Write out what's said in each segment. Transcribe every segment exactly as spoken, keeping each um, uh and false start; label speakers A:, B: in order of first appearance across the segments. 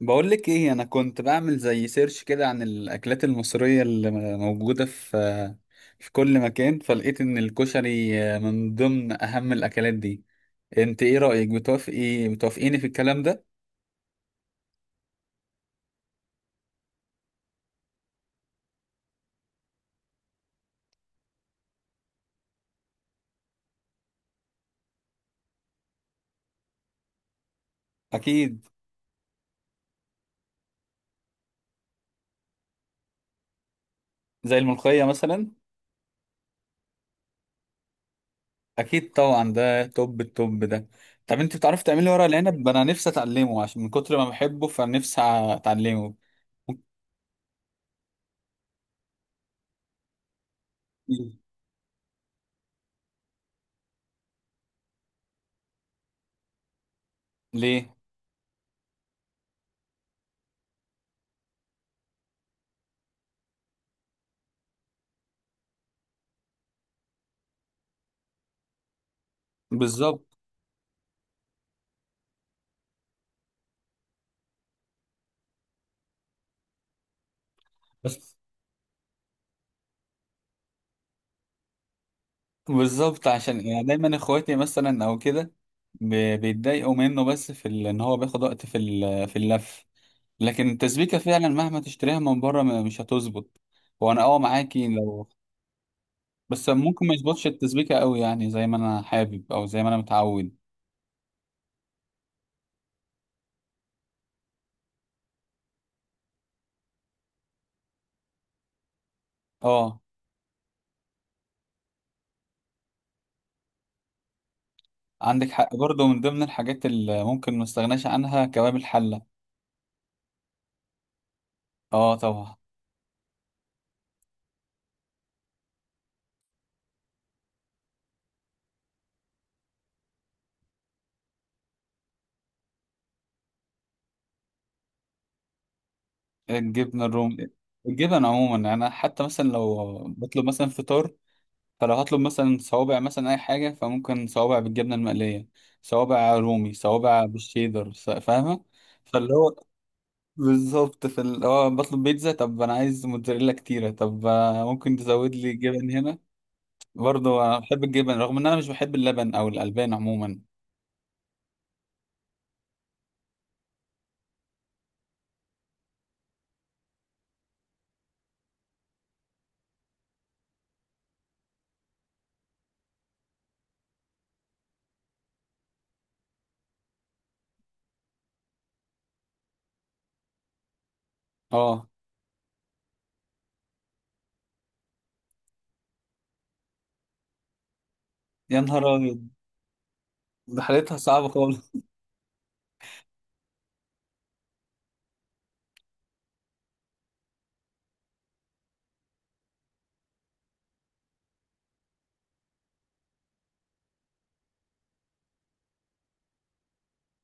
A: بقول لك ايه، انا كنت بعمل زي سيرش كده عن الاكلات المصريه اللي موجوده في في كل مكان، فلقيت ان الكشري آه، من ضمن اهم الاكلات دي. انت ايه رايك؟ بتوافقي بتوافقيني في الكلام ده؟ اكيد. زي الملوخيه مثلا. اكيد طبعا، ده توب التوب ده. طب انت بتعرفي تعملي ورق العنب؟ انا نفسي اتعلمه، عشان من كتر ما بحبه فنفسي اتعلمه. ممكن- ليه؟ بالظبط. بس بالظبط، عشان يعني دايما اخواتي مثلا او كده ب- بيتضايقوا منه، بس في ال... ان هو بياخد وقت في ال... في اللف. لكن التسبيكه فعلا مهما تشتريها من بره م- مش هتظبط. وانا اه معاكي لو. بس ممكن ما يظبطش التسبيكه قوي، يعني زي ما انا حابب او زي ما انا متعود. اه، عندك حق برضه، من ضمن الحاجات اللي ممكن ما استغناش عنها كباب الحله. اه طبعا. الجبنه الروم، الجبن عموما. يعني انا حتى مثلا لو بطلب مثلا فطار، فلو هطلب مثلا صوابع، مثلا اي حاجه، فممكن صوابع بالجبنه المقليه، صوابع رومي، صوابع بالشيدر. ص- فاهمه؟ فاللي هو بالظبط، في اللي هو بطلب بيتزا، طب انا عايز موتزاريلا كتيره، طب آه، ممكن تزود لي جبن هنا. برضه انا بحب الجبن، رغم ان انا مش بحب اللبن او الالبان عموما. اه. يا نهار ابيض، ده حالتها صعبه خالص.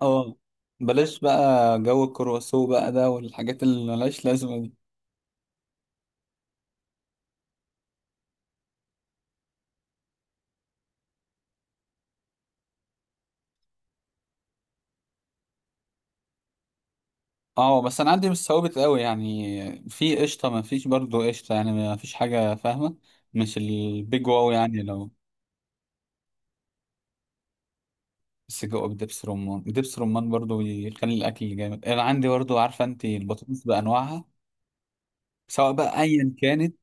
A: اه. بلاش بقى جو الكرواسو بقى ده، والحاجات اللي ملهاش لازمه. اه، بس انا عندي مش ثوابت قوي، يعني في قشطه ما فيش، برضو قشطه يعني ما فيش حاجه، فاهمه؟ مش البيج واو، يعني لو بس جوه دبس رمان، دبس رمان برضو يخلي الاكل جامد. انا عندي برضو، عارفه انت، البطاطس بانواعها، سواء بقى ايا كانت.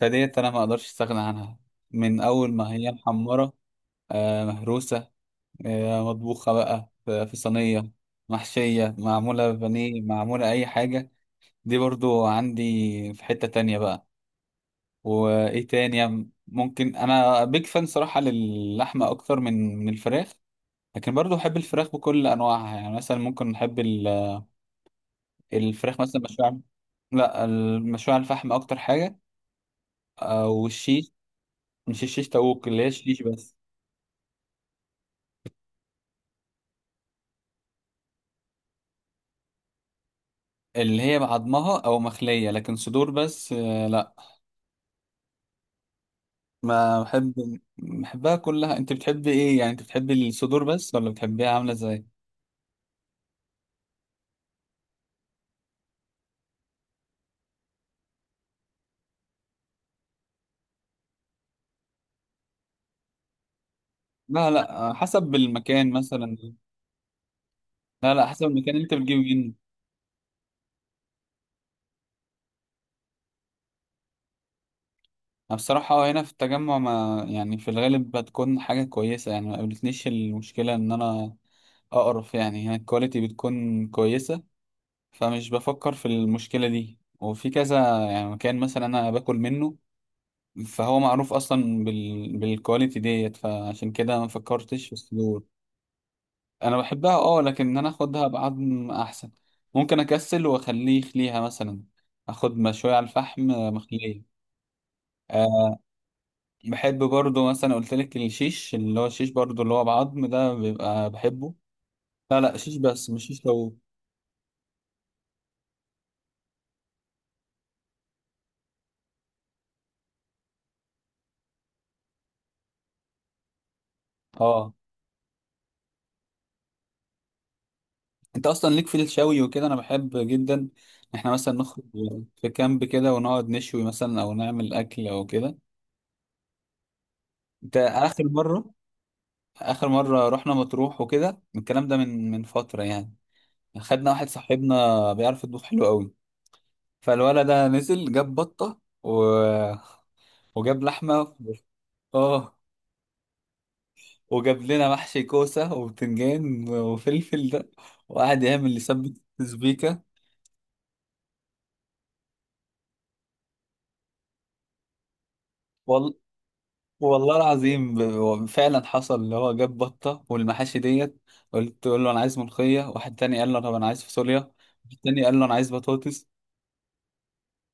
A: فديت انا ما اقدرش استغنى عنها. من اول ما هي محمره، آه مهروسه، آه مطبوخه بقى في في صينيه، محشيه، معموله بانيه، معموله اي حاجه. دي برضو عندي في حته تانية بقى. وايه تاني؟ يعني ممكن انا بيج فان صراحه للحمه اكتر من من الفراخ، لكن برضو بحب الفراخ بكل انواعها. يعني مثلا ممكن نحب ال- الفراخ مثلا مشوية. لا، المشوية على الفحم اكتر حاجه، او الشيش. مش الشيش طاووق، اللي هي الشيش بس، اللي هي بعضمها او مخليه، لكن صدور بس آه، لا. ما بحب بحبها كلها. انت بتحبي ايه؟ يعني انت بتحبي الصدور بس ولا بتحبيها عامله ازاي؟ لا لا، آه، حسب المكان مثلا. لا لا، حسب المكان اللي انت بتجيبه. أنا بصراحة اه هنا في التجمع، ما يعني في الغالب بتكون حاجة كويسة، يعني ما قابلتنيش المشكلة إن أنا أقرف. يعني هنا الكواليتي بتكون كويسة، فمش بفكر في المشكلة دي. وفي كذا يعني مكان مثلا أنا باكل منه، فهو معروف أصلا بال... بالكواليتي ديت، فعشان كده ما فكرتش في الصدور. أنا بحبها، اه لكن إن أنا أخدها بعظم أحسن. ممكن أكسل وأخليه يخليها مثلا، أخد مشوية على الفحم، مخلية. بحب برضو مثلا، قلت لك الشيش، اللي هو الشيش برضو اللي هو بعظم ده بيبقى بحبه. لا لا، شيش بس، مش شيش لو. اه، انت اصلا ليك في الشوي وكده، انا بحب جدا. احنا مثلا نخرج في كامب كده ونقعد نشوي مثلا، او نعمل اكل او كده. انت اخر مره؟ اخر مره رحنا مطروح وكده، الكلام ده من من فتره يعني. خدنا واحد صاحبنا بيعرف يطبخ حلو قوي. فالولد ده نزل جاب بطه و... وجاب لحمه. اه. وجاب لنا محشي كوسة وبتنجان وفلفل ده، وقعد يعمل اللي سبت، سبيكة وال... والله العظيم، ب- هو فعلا حصل، اللي هو جاب بطة والمحاشي ديت. قلت له انا عايز ملوخية، واحد تاني قال له طب انا عايز فاصوليا، واحد تاني قال له انا عايز بطاطس.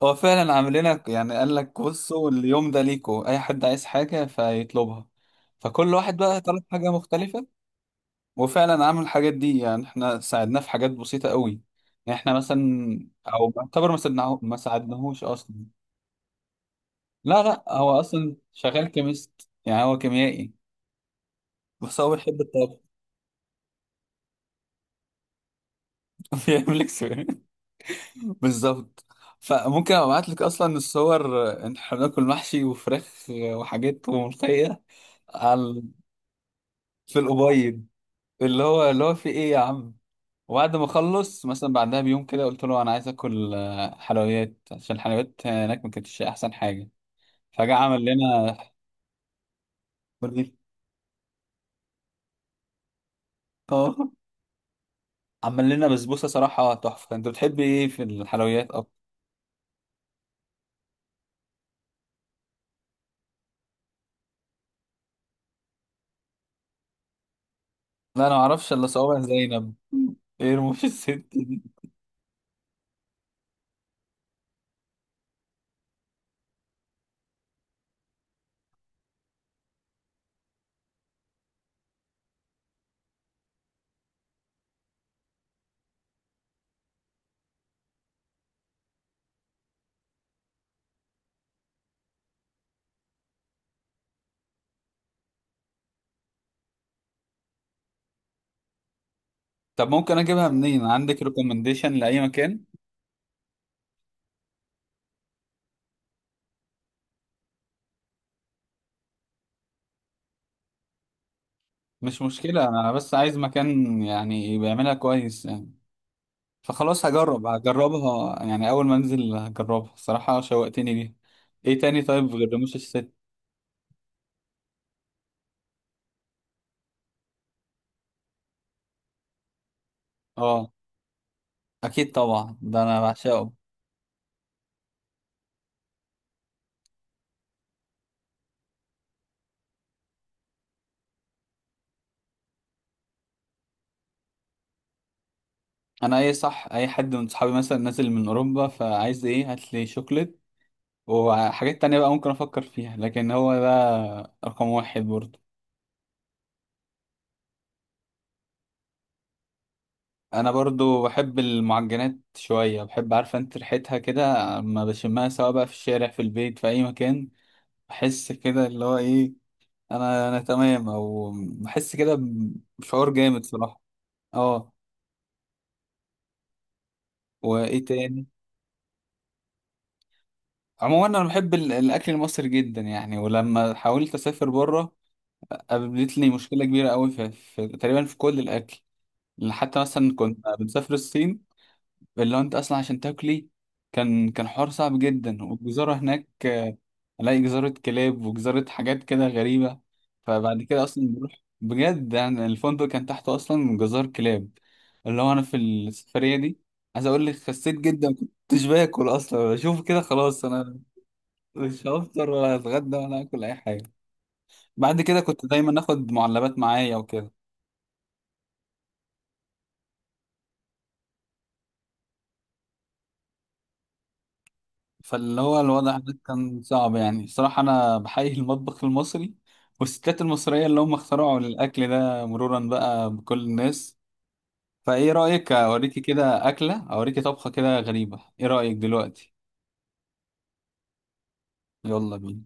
A: هو فعلا عامل لنا يعني، قال لك بصوا، اليوم ده ليكوا، اي حد عايز حاجة فيطلبها. فكل واحد بقى طلب حاجة مختلفة، وفعلا عمل الحاجات دي. يعني احنا ساعدناه في حاجات بسيطة قوي، يعني احنا مثلا، او بعتبر ما ساعدناه ما ساعدناهوش اصلا. لا لا، هو اصلا شغال كيميست، يعني هو كيميائي، بس هو بيحب الطاقة. بيعمل لك سوي. بالظبط. فممكن ابعت لك اصلا الصور آه، ان احنا بناكل محشي وفراخ وحاجات وملوخية على، في الأبيض، اللي هو اللي هو في ايه يا عم. وبعد ما اخلص مثلا، بعدها بيوم كده، قلت له انا عايز اكل آه، حلويات، عشان الحلويات هناك ما كانتش احسن حاجه. فجاه عمل لنا برجر. اه، عمل لنا بسبوسه صراحه تحفه. انت بتحب ايه في الحلويات اكتر؟ لا انا ما اعرفش الا صوابع زينب. ايه رموش الست دي؟ طب ممكن اجيبها منين؟ عندك ريكومنديشن لاي مكان؟ مش مشكله، انا بس عايز مكان يعني بيعملها كويس. فخلاص هجرب هجربها يعني اول ما انزل. هجربها الصراحه، شوقتني ليها. ايه تاني طيب غير رموش الست؟ اه، اكيد طبعا، ده انا بعشقه. انا اي صح، اي حد من صحابي مثلا نازل من اوروبا، فعايز ايه؟ هات لي شوكليت. وحاجات تانية بقى ممكن افكر فيها، لكن هو ده رقم واحد برضو. انا برضو بحب المعجنات شويه، بحب، عارفه انت، ريحتها كده اما بشمها سواء بقى في الشارع، في البيت، في اي مكان. بحس كده اللي هو ايه، انا انا تمام، او بحس كده بشعور جامد صراحه. اه. وايه تاني؟ عموما انا بحب ال- الاكل المصري جدا يعني. ولما حاولت اسافر بره، قابلتني مشكله كبيره قوي في, في تقريبا في كل الاكل. حتى مثلا كنت بنسافر الصين، اللي هو انت اصلا عشان تاكلي، كان كان حوار صعب جدا. والجزارة هناك آه، الاقي جزارة كلاب وجزارة حاجات كده غريبة. فبعد كده اصلا بروح، بجد يعني، الفندق كان تحته اصلا جزار كلاب. اللي هو انا في السفرية دي، عايز اقول لك، خسيت جدا، ما كنتش باكل اصلا. اشوف كده، خلاص انا مش هفطر ولا هتغدى ولا هاكل اي حاجة. بعد كده كنت دايما اخد معلبات معايا وكده. فاللي هو الوضع ده كان صعب، يعني صراحة أنا بحيي المطبخ المصري والستات المصرية اللي هم اخترعوا الأكل ده، مرورا بقى بكل الناس. فإيه رأيك؟ أوريكي كده، أكلة أوريكي، طبخة كده غريبة، إيه رأيك دلوقتي؟ يلا بينا.